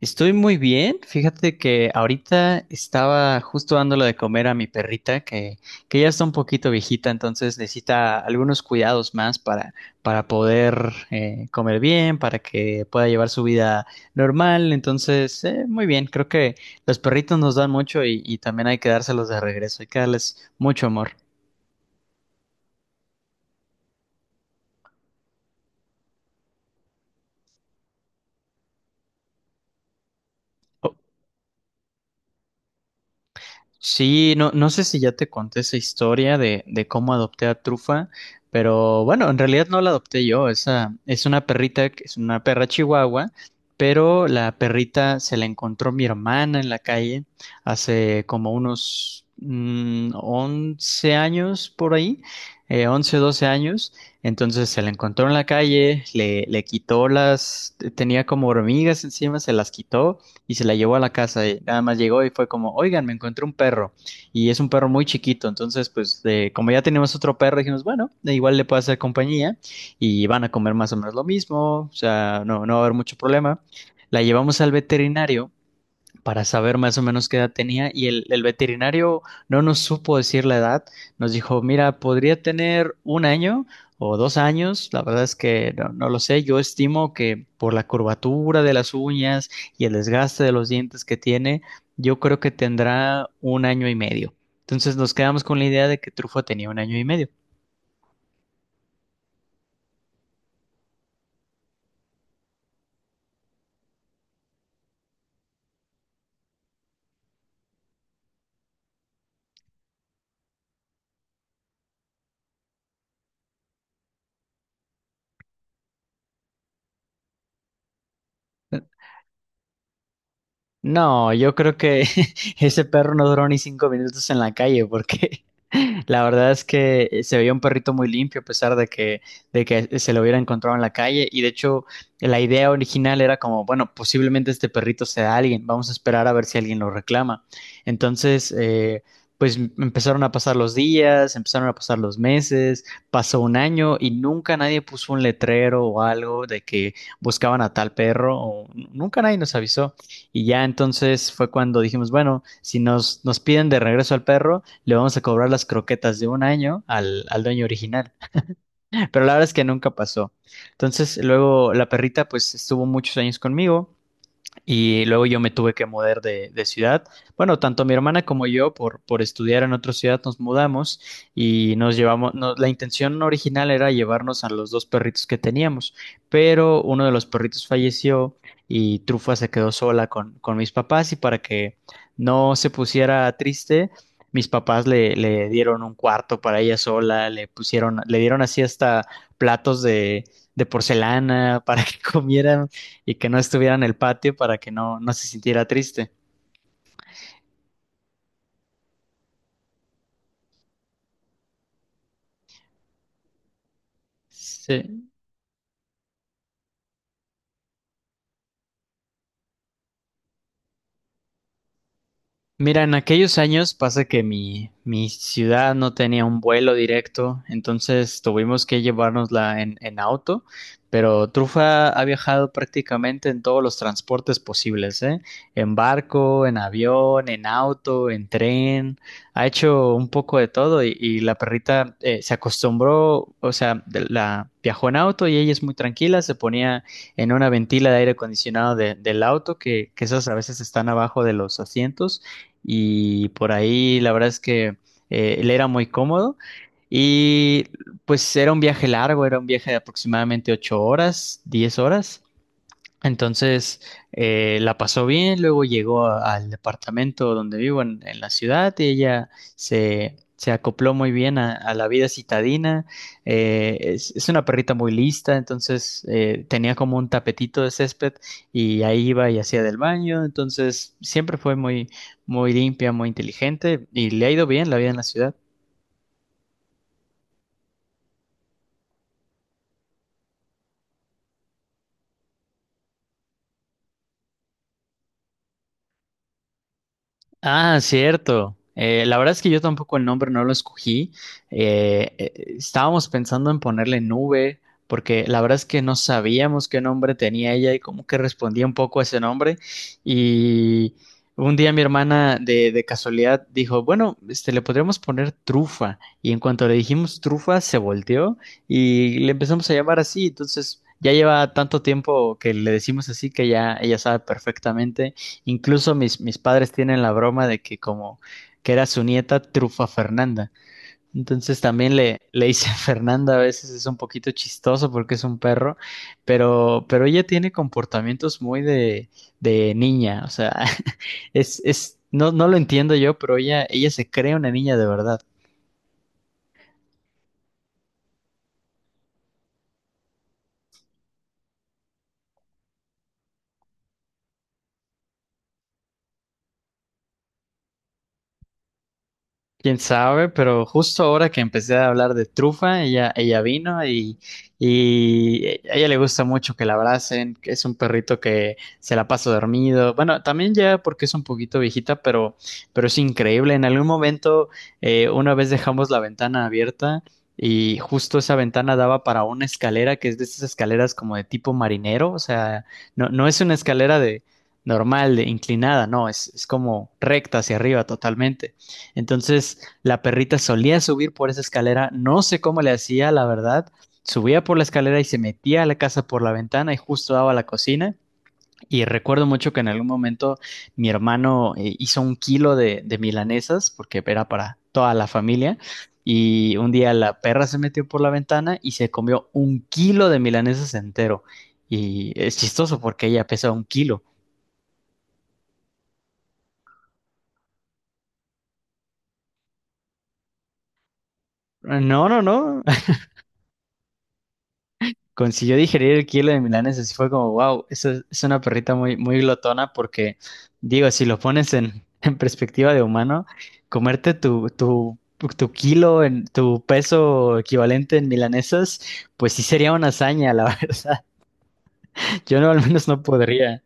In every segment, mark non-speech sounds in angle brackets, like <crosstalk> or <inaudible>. Estoy muy bien. Fíjate que ahorita estaba justo dándole de comer a mi perrita, que ya está un poquito viejita, entonces necesita algunos cuidados más para poder comer bien, para que pueda llevar su vida normal. Entonces, muy bien. Creo que los perritos nos dan mucho y también hay que dárselos de regreso, hay que darles mucho amor. Sí, no, no sé si ya te conté esa historia de cómo adopté a Trufa, pero bueno, en realidad no la adopté yo, esa es una perrita, que es una perra chihuahua, pero la perrita se la encontró mi hermana en la calle hace como unos 11 años por ahí, 11, 12 años. Entonces se la encontró en la calle, le quitó las, tenía como hormigas encima, se las quitó y se la llevó a la casa. Y nada más llegó y fue como, oigan, me encontré un perro. Y es un perro muy chiquito. Entonces, pues, como ya tenemos otro perro, dijimos, bueno, igual le puedo hacer compañía y van a comer más o menos lo mismo. O sea, no, no va a haber mucho problema. La llevamos al veterinario para saber más o menos qué edad tenía y el veterinario no nos supo decir la edad, nos dijo, mira, podría tener un año o 2 años, la verdad es que no, no lo sé, yo estimo que por la curvatura de las uñas y el desgaste de los dientes que tiene, yo creo que tendrá un año y medio. Entonces nos quedamos con la idea de que Trufo tenía un año y medio. No, yo creo que <laughs> ese perro no duró ni 5 minutos en la calle porque <laughs> la verdad es que se veía un perrito muy limpio a pesar de que se lo hubiera encontrado en la calle. Y de hecho la idea original era como, bueno, posiblemente este perrito sea alguien, vamos a esperar a ver si alguien lo reclama. Entonces, pues empezaron a pasar los días, empezaron a pasar los meses, pasó un año y nunca nadie puso un letrero o algo de que buscaban a tal perro o nunca nadie nos avisó. Y ya entonces fue cuando dijimos, bueno, si nos piden de regreso al perro, le vamos a cobrar las croquetas de un año al dueño original. <laughs> Pero la verdad es que nunca pasó. Entonces luego la perrita pues estuvo muchos años conmigo y luego yo me tuve que mudar de ciudad. Bueno, tanto mi hermana como yo, por estudiar en otra ciudad, nos mudamos y nos llevamos. La intención original era llevarnos a los dos perritos que teníamos, pero uno de los perritos falleció y Trufa se quedó sola con mis papás. Y para que no se pusiera triste, mis papás le dieron un cuarto para ella sola, le pusieron, le dieron así hasta platos de porcelana para que <laughs> comiera y que no estuviera en el patio para que no, no se sintiera triste. Sí, mira, en aquellos años pasa que mi ciudad no tenía un vuelo directo, entonces tuvimos que llevárnosla en auto, pero Trufa ha viajado prácticamente en todos los transportes posibles, ¿eh? En barco, en avión, en auto, en tren, ha hecho un poco de todo y la perrita se acostumbró, o sea, la viajó en auto y ella es muy tranquila, se ponía en una ventila de aire acondicionado del auto, que esas a veces están abajo de los asientos y por ahí la verdad es que él era muy cómodo y pues era un viaje largo, era un viaje de aproximadamente 8 horas, 10 horas. Entonces la pasó bien, luego llegó al departamento donde vivo en la ciudad y ella se acopló muy bien a la vida citadina. Es una perrita muy lista, entonces tenía como un tapetito de césped y ahí iba y hacía del baño, entonces siempre fue muy, muy limpia, muy inteligente y le ha ido bien la vida en la ciudad. Ah, cierto. La verdad es que yo tampoco el nombre no lo escogí. Eh, eh, Estábamos pensando en ponerle nube, porque la verdad es que no sabíamos qué nombre tenía ella y como que respondía un poco a ese nombre. Y un día mi hermana de casualidad dijo, bueno, este, le podríamos poner trufa. Y en cuanto le dijimos trufa, se volteó y le empezamos a llamar así. Entonces ya lleva tanto tiempo que le decimos así que ya ella sabe perfectamente. Incluso mis padres tienen la broma de que como que era su nieta Trufa Fernanda. Entonces también le hice Fernanda, a veces es un poquito chistoso porque es un perro, pero ella tiene comportamientos muy de niña, o sea, <laughs> es, no, no lo entiendo yo, pero ella se cree una niña de verdad. Quién sabe, pero justo ahora que empecé a hablar de trufa, ella vino y a ella le gusta mucho que la abracen, que es un perrito que se la pasa dormido. Bueno, también ya porque es un poquito viejita, pero es increíble. En algún momento, una vez dejamos la ventana abierta y justo esa ventana daba para una escalera que es de esas escaleras como de tipo marinero, o sea, no, no es una escalera de normal, de inclinada, no, es como recta hacia arriba totalmente. Entonces, la perrita solía subir por esa escalera, no sé cómo le hacía, la verdad. Subía por la escalera y se metía a la casa por la ventana y justo daba a la cocina. Y recuerdo mucho que en algún momento mi hermano hizo 1 kilo de milanesas, porque era para toda la familia. Y un día la perra se metió por la ventana y se comió 1 kilo de milanesas entero. Y es chistoso porque ella pesa 1 kilo. No, no, no. Consiguió digerir el kilo de milanesa, así fue como, wow, eso es una perrita muy, muy glotona porque, digo, si lo pones en, <laughs> en perspectiva de humano, comerte tu, tu kilo, en, tu peso equivalente en milanesas, pues sí sería una hazaña, la <laughs> verdad. Yo no, al menos no podría.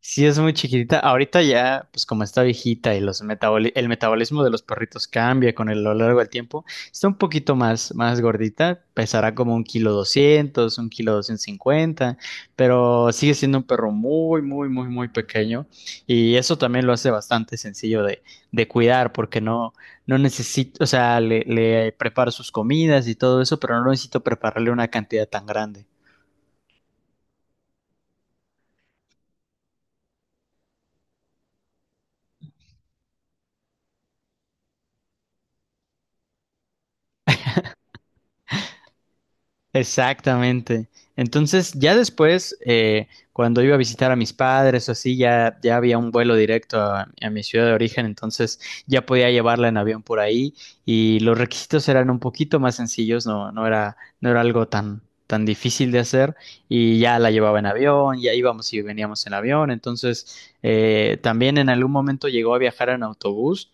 Sí, es muy chiquitita. Ahorita ya, pues como está viejita y los el metabolismo de los perritos cambia a lo largo del tiempo, está un poquito más gordita, pesará como un kilo doscientos cincuenta, pero sigue siendo un perro muy, muy, muy, muy pequeño y eso también lo hace bastante sencillo de cuidar porque no, no necesito, o sea, le preparo sus comidas y todo eso, pero no necesito prepararle una cantidad tan grande. Exactamente. Entonces, ya después, cuando iba a visitar a mis padres o así, ya había un vuelo directo a mi ciudad de origen, entonces ya podía llevarla en avión por ahí y los requisitos eran un poquito más sencillos, no, no era algo tan difícil de hacer y ya la llevaba en avión, ya íbamos y veníamos en avión, entonces también en algún momento llegó a viajar en autobús.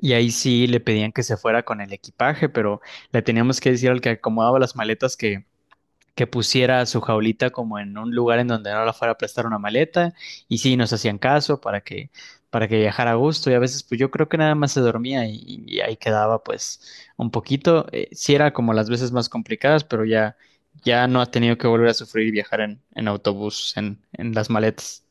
Y ahí sí le pedían que se fuera con el equipaje, pero le teníamos que decir al que acomodaba las maletas que pusiera su jaulita como en un lugar en donde no la fuera a prestar una maleta y sí nos hacían caso para que viajara a gusto y a veces pues yo creo que nada más se dormía y ahí quedaba pues un poquito. Sí era como las veces más complicadas pero ya no ha tenido que volver a sufrir viajar en autobús en las maletas.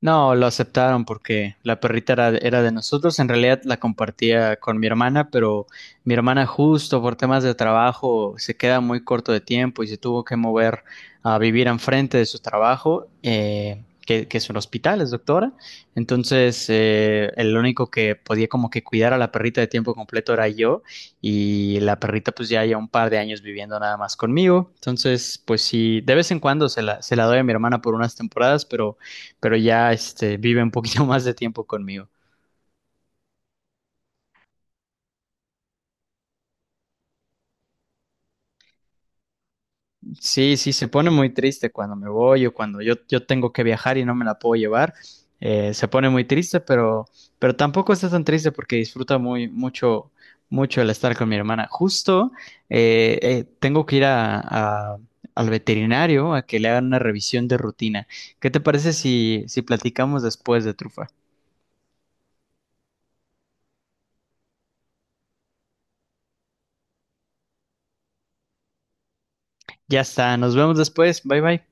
No, lo aceptaron porque la perrita era de nosotros. En realidad la compartía con mi hermana, pero mi hermana justo por temas de trabajo se queda muy corto de tiempo y se tuvo que mover a vivir enfrente de su trabajo, que es un hospital, es doctora. Entonces, el único que podía como que cuidar a la perrita de tiempo completo era yo y la perrita pues ya lleva un par de años viviendo nada más conmigo. Entonces, pues sí, de vez en cuando se la doy a mi hermana por unas temporadas, pero ya este, vive un poquito <laughs> más de tiempo conmigo. Sí, sí, se pone muy triste cuando me voy o cuando yo tengo que viajar y no me la puedo llevar. Se pone muy triste, pero tampoco está tan triste porque disfruta muy, mucho, mucho el estar con mi hermana. Justo tengo que ir al veterinario a que le hagan una revisión de rutina. ¿Qué te parece si platicamos después de Trufa? Ya está, nos vemos después. Bye bye.